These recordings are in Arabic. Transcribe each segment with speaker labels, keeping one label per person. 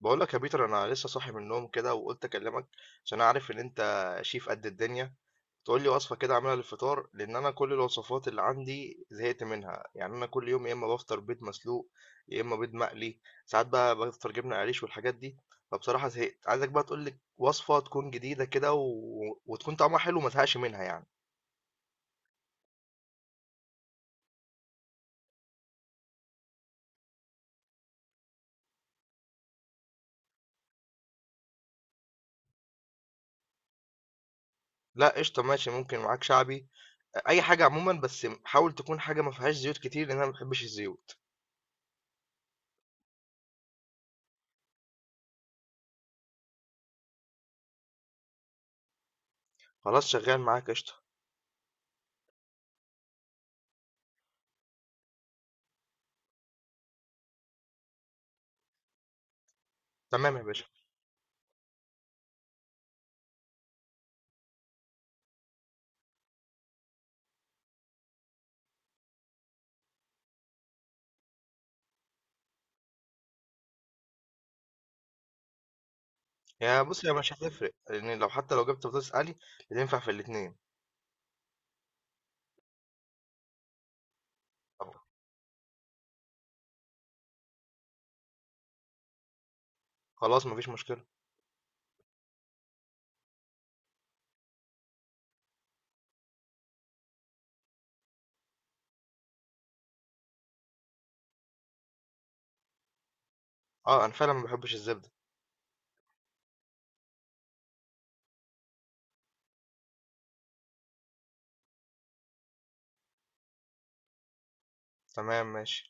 Speaker 1: بقول لك يا بيتر، انا لسه صاحي من النوم كده وقلت اكلمك عشان اعرف ان انت شيف قد الدنيا. تقول لي وصفه كده اعملها للفطار، لان انا كل الوصفات اللي عندي زهقت منها. يعني انا كل يوم يا اما بفطر بيض مسلوق يا اما بيض مقلي، ساعات بقى بفطر جبنه قريش والحاجات دي. فبصراحه زهقت، عايزك بقى تقول لي وصفه تكون جديده كده وتكون طعمها حلو وما تزهقش منها يعني. لا قشطه، ماشي ممكن معاك شعبي، اي حاجه عموما. بس حاول تكون حاجه ما فيهاش زيوت كتير لان انا ما بحبش الزيوت. خلاص، شغال معاك قشطه. تمام يا باشا. يا بص، هي مش هتفرق، لان لو حتى لو جبت بطاطس قلي بتنفع في الاتنين. طب خلاص، مفيش مشكله. اه انا فعلا ما بحبش الزبده. تمام ماشي.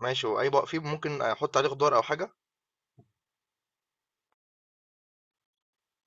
Speaker 1: ماشي، واي بقى فيه ممكن احط عليه خضار او حاجه؟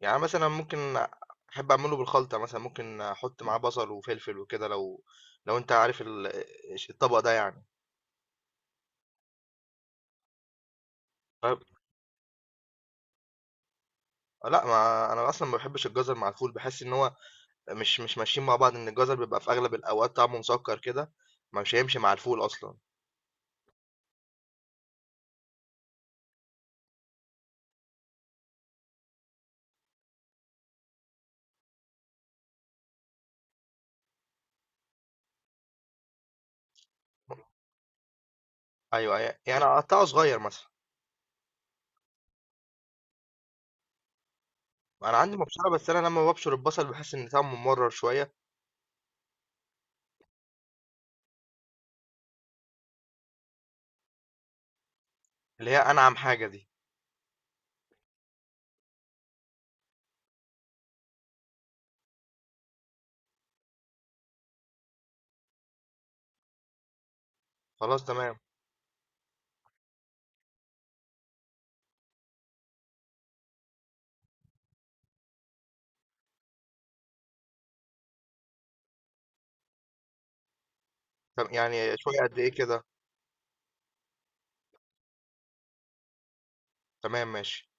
Speaker 1: يعني مثلا ممكن، احب اعمله بالخلطه مثلا، ممكن احط معاه بصل وفلفل وكده، لو لو انت عارف الطبق ده يعني. طيب. لا، ما انا اصلا ما بحبش الجزر مع الفول، بحس ان هو مش ماشيين مع بعض، ان الجزر بيبقى في اغلب الاوقات طعمه مسكر كده، ما مش هيمشي مع الفول اصلا. ايوه، يعني اقطعه صغير مثلا؟ انا عندي مبشره بس انا لما ببشر البصل بحس ان طعمه ممرر شويه. اللي هي انعم حاجه دي. خلاص تمام. طب يعني شويه قد ايه كده؟ تمام ماشي.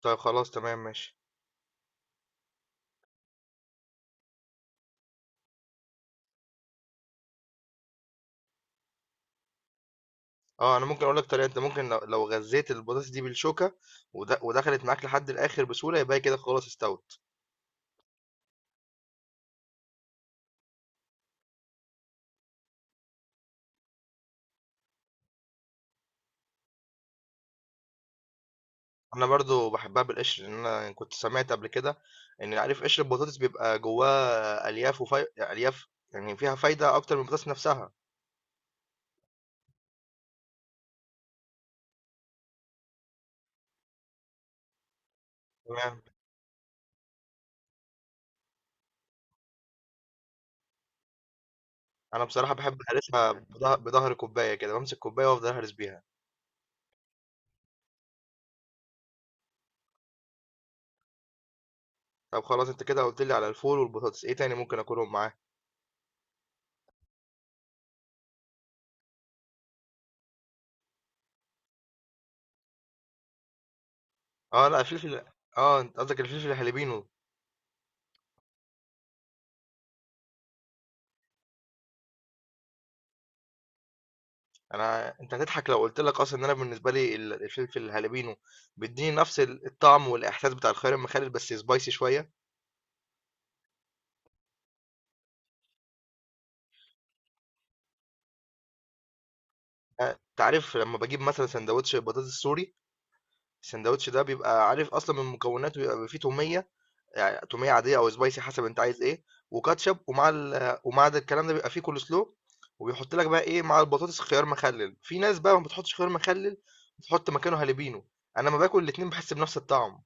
Speaker 1: طيب خلاص تمام ماشي. اه انا ممكن اقول لك طريقه، انت ممكن لو غزيت البطاطس دي بالشوكه ودخلت معاك لحد الاخر بسهوله، يبقى هي كده خلاص استوت. انا برضو بحبها بالقشر، لان انا كنت سمعت قبل كده ان، عارف، قشر البطاطس بيبقى جواه الياف الياف، يعني فيها فايده اكتر من البطاطس نفسها. تمام. انا بصراحه بحب اهرسها بظهر كوبايه، كده بمسك كوبايه وافضل اهرس بيها. طب خلاص، انت كده قلت لي على الفول والبطاطس، ايه تاني ممكن اكلهم معاه؟ اه لا، الفلفل. اه انت قصدك الفلفل الهالبينو؟ انا، انت هتضحك لو قلت لك، اصلا ان انا بالنسبه لي الفلفل الهالبينو بيديني نفس الطعم والاحساس بتاع الخيار المخلل، بس سبايسي شويه. آه، انت عارف لما بجيب مثلا سندوتش بطاطس سوري؟ السندوتش ده بيبقى، عارف، اصلا من مكوناته بيبقى فيه توميه، يعني تومية عادية أو سبايسي حسب أنت عايز إيه، وكاتشب، ومع ده الكلام ده بيبقى فيه كول سلو، وبيحط لك بقى إيه مع البطاطس خيار مخلل. في ناس بقى ما بتحطش خيار مخلل، بتحط مكانه هالبينو. أنا لما باكل الاتنين بحس بنفس الطعم.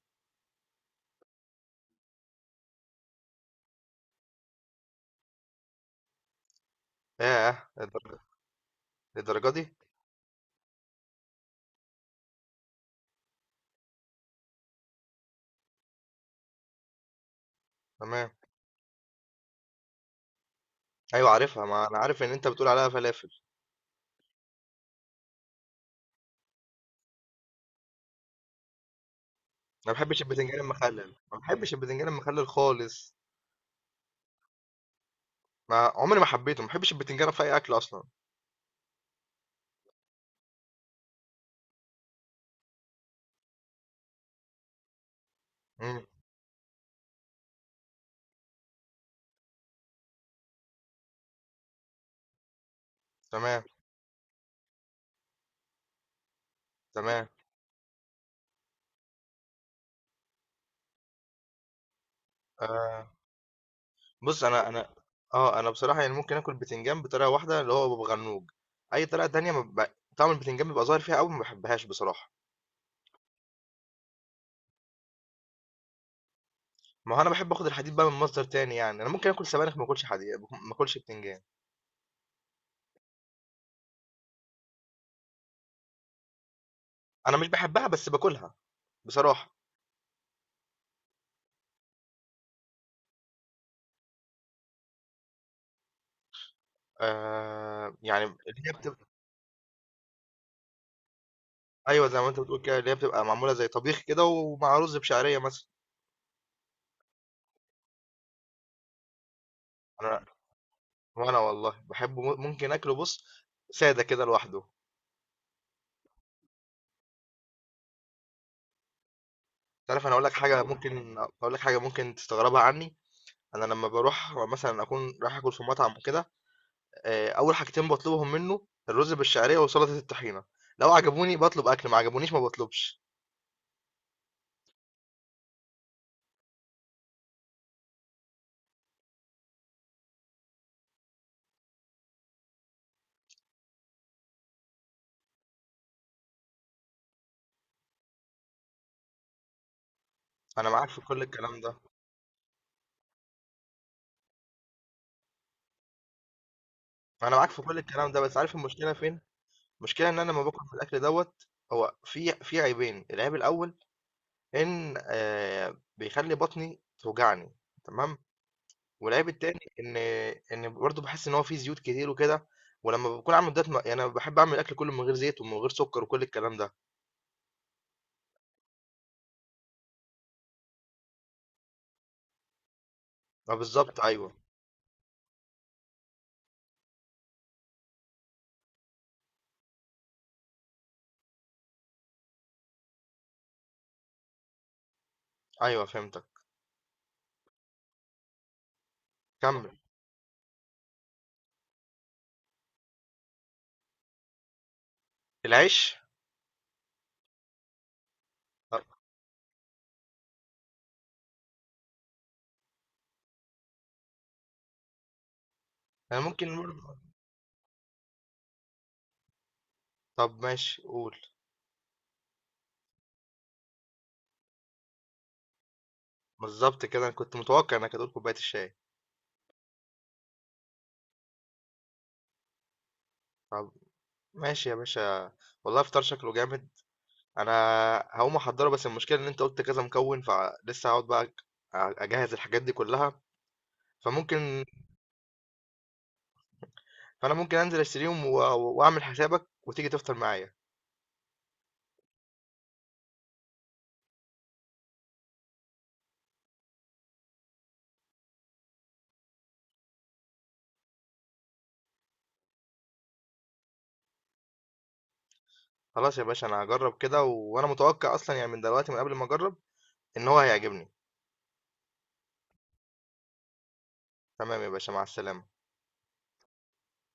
Speaker 1: ياه، للدرجة؟ للدرجة دي؟ تمام. أيوة عارفها، ما أنا عارف إن أنت بتقول عليها فلافل. أنا ما بحبش البتنجان المخلل، ما بحبش البتنجان المخلل خالص. ما عمري ما حبيته، ما بحبش البتنجان في أي أكل أصلا. مم. تمام. تمام. آه. بُص أنا بصراحة يعني ممكن آكل بتنجان بطريقة واحدة، اللي هو ببغنوج، أي طريقة تانية ما ب طعم البتنجان بيبقى ظاهر فيها أوي، ما باحبهاش بصراحة. ما هو أنا باحب آخد الحديد بقى من مصدر تاني يعني، أنا ممكن آكل سبانخ ما آكلش بتنجان. أنا مش باحبها بس باكلها بصراحة. يعني اللي هي بتبقى، أيوه زي ما أنت بتقول كده، اللي هي بتبقى معمولة زي طبيخ كده ومع رز بشعرية مثلًا. أنا وأنا والله باحبه، ممكن آكله، بُص، سادة كده لوحده. أنت عارف أنا هاقول لك حاجة؟ ممكن تستغربها عني؟ انا لما بروح مثلا اكون رايح اكل في مطعم وكده، اول حاجتين بطلبهم منه الرز بالشعريه وسلطه الطحينه. لو عجبوني بطلب اكل، ما عجبونيش ما بطلبش. انا معاك في كل الكلام ده. انا معاك في كل الكلام ده بس عارف المشكله فين؟ المشكله ان انا لما باكل من الاكل دوت، هو في عيبين. العيب الاول ان بيخلي بطني توجعني. تمام. والعيب التاني ان برضه بحس ان هو فيه زيوت كتير وكده. ولما بكون عامل دايت يعني انا بحب اعمل الاكل كله من غير زيت ومن غير سكر وكل الكلام ده. ما بالظبط ايوه. ايوه فهمتك. كمل. العيش. طب انا ممكن برضه. طب ماشي قول. بالظبط كده، انا كنت متوقع انك هتقول كوبايه الشاي. طب ماشي يا باشا. والله افطار شكله جامد. انا هقوم احضره، بس المشكله ان انت قلت كذا مكون، فلسه هقعد بقى اجهز الحاجات دي كلها. فممكن فانا ممكن انزل اشتريهم واعمل حسابك وتيجي تفطر معايا. خلاص يا باشا، انا هجرب كده، وانا متوقع اصلا، يعني من دلوقتي من قبل ما اجرب ان هو هيعجبني. تمام يا باشا، مع السلامه.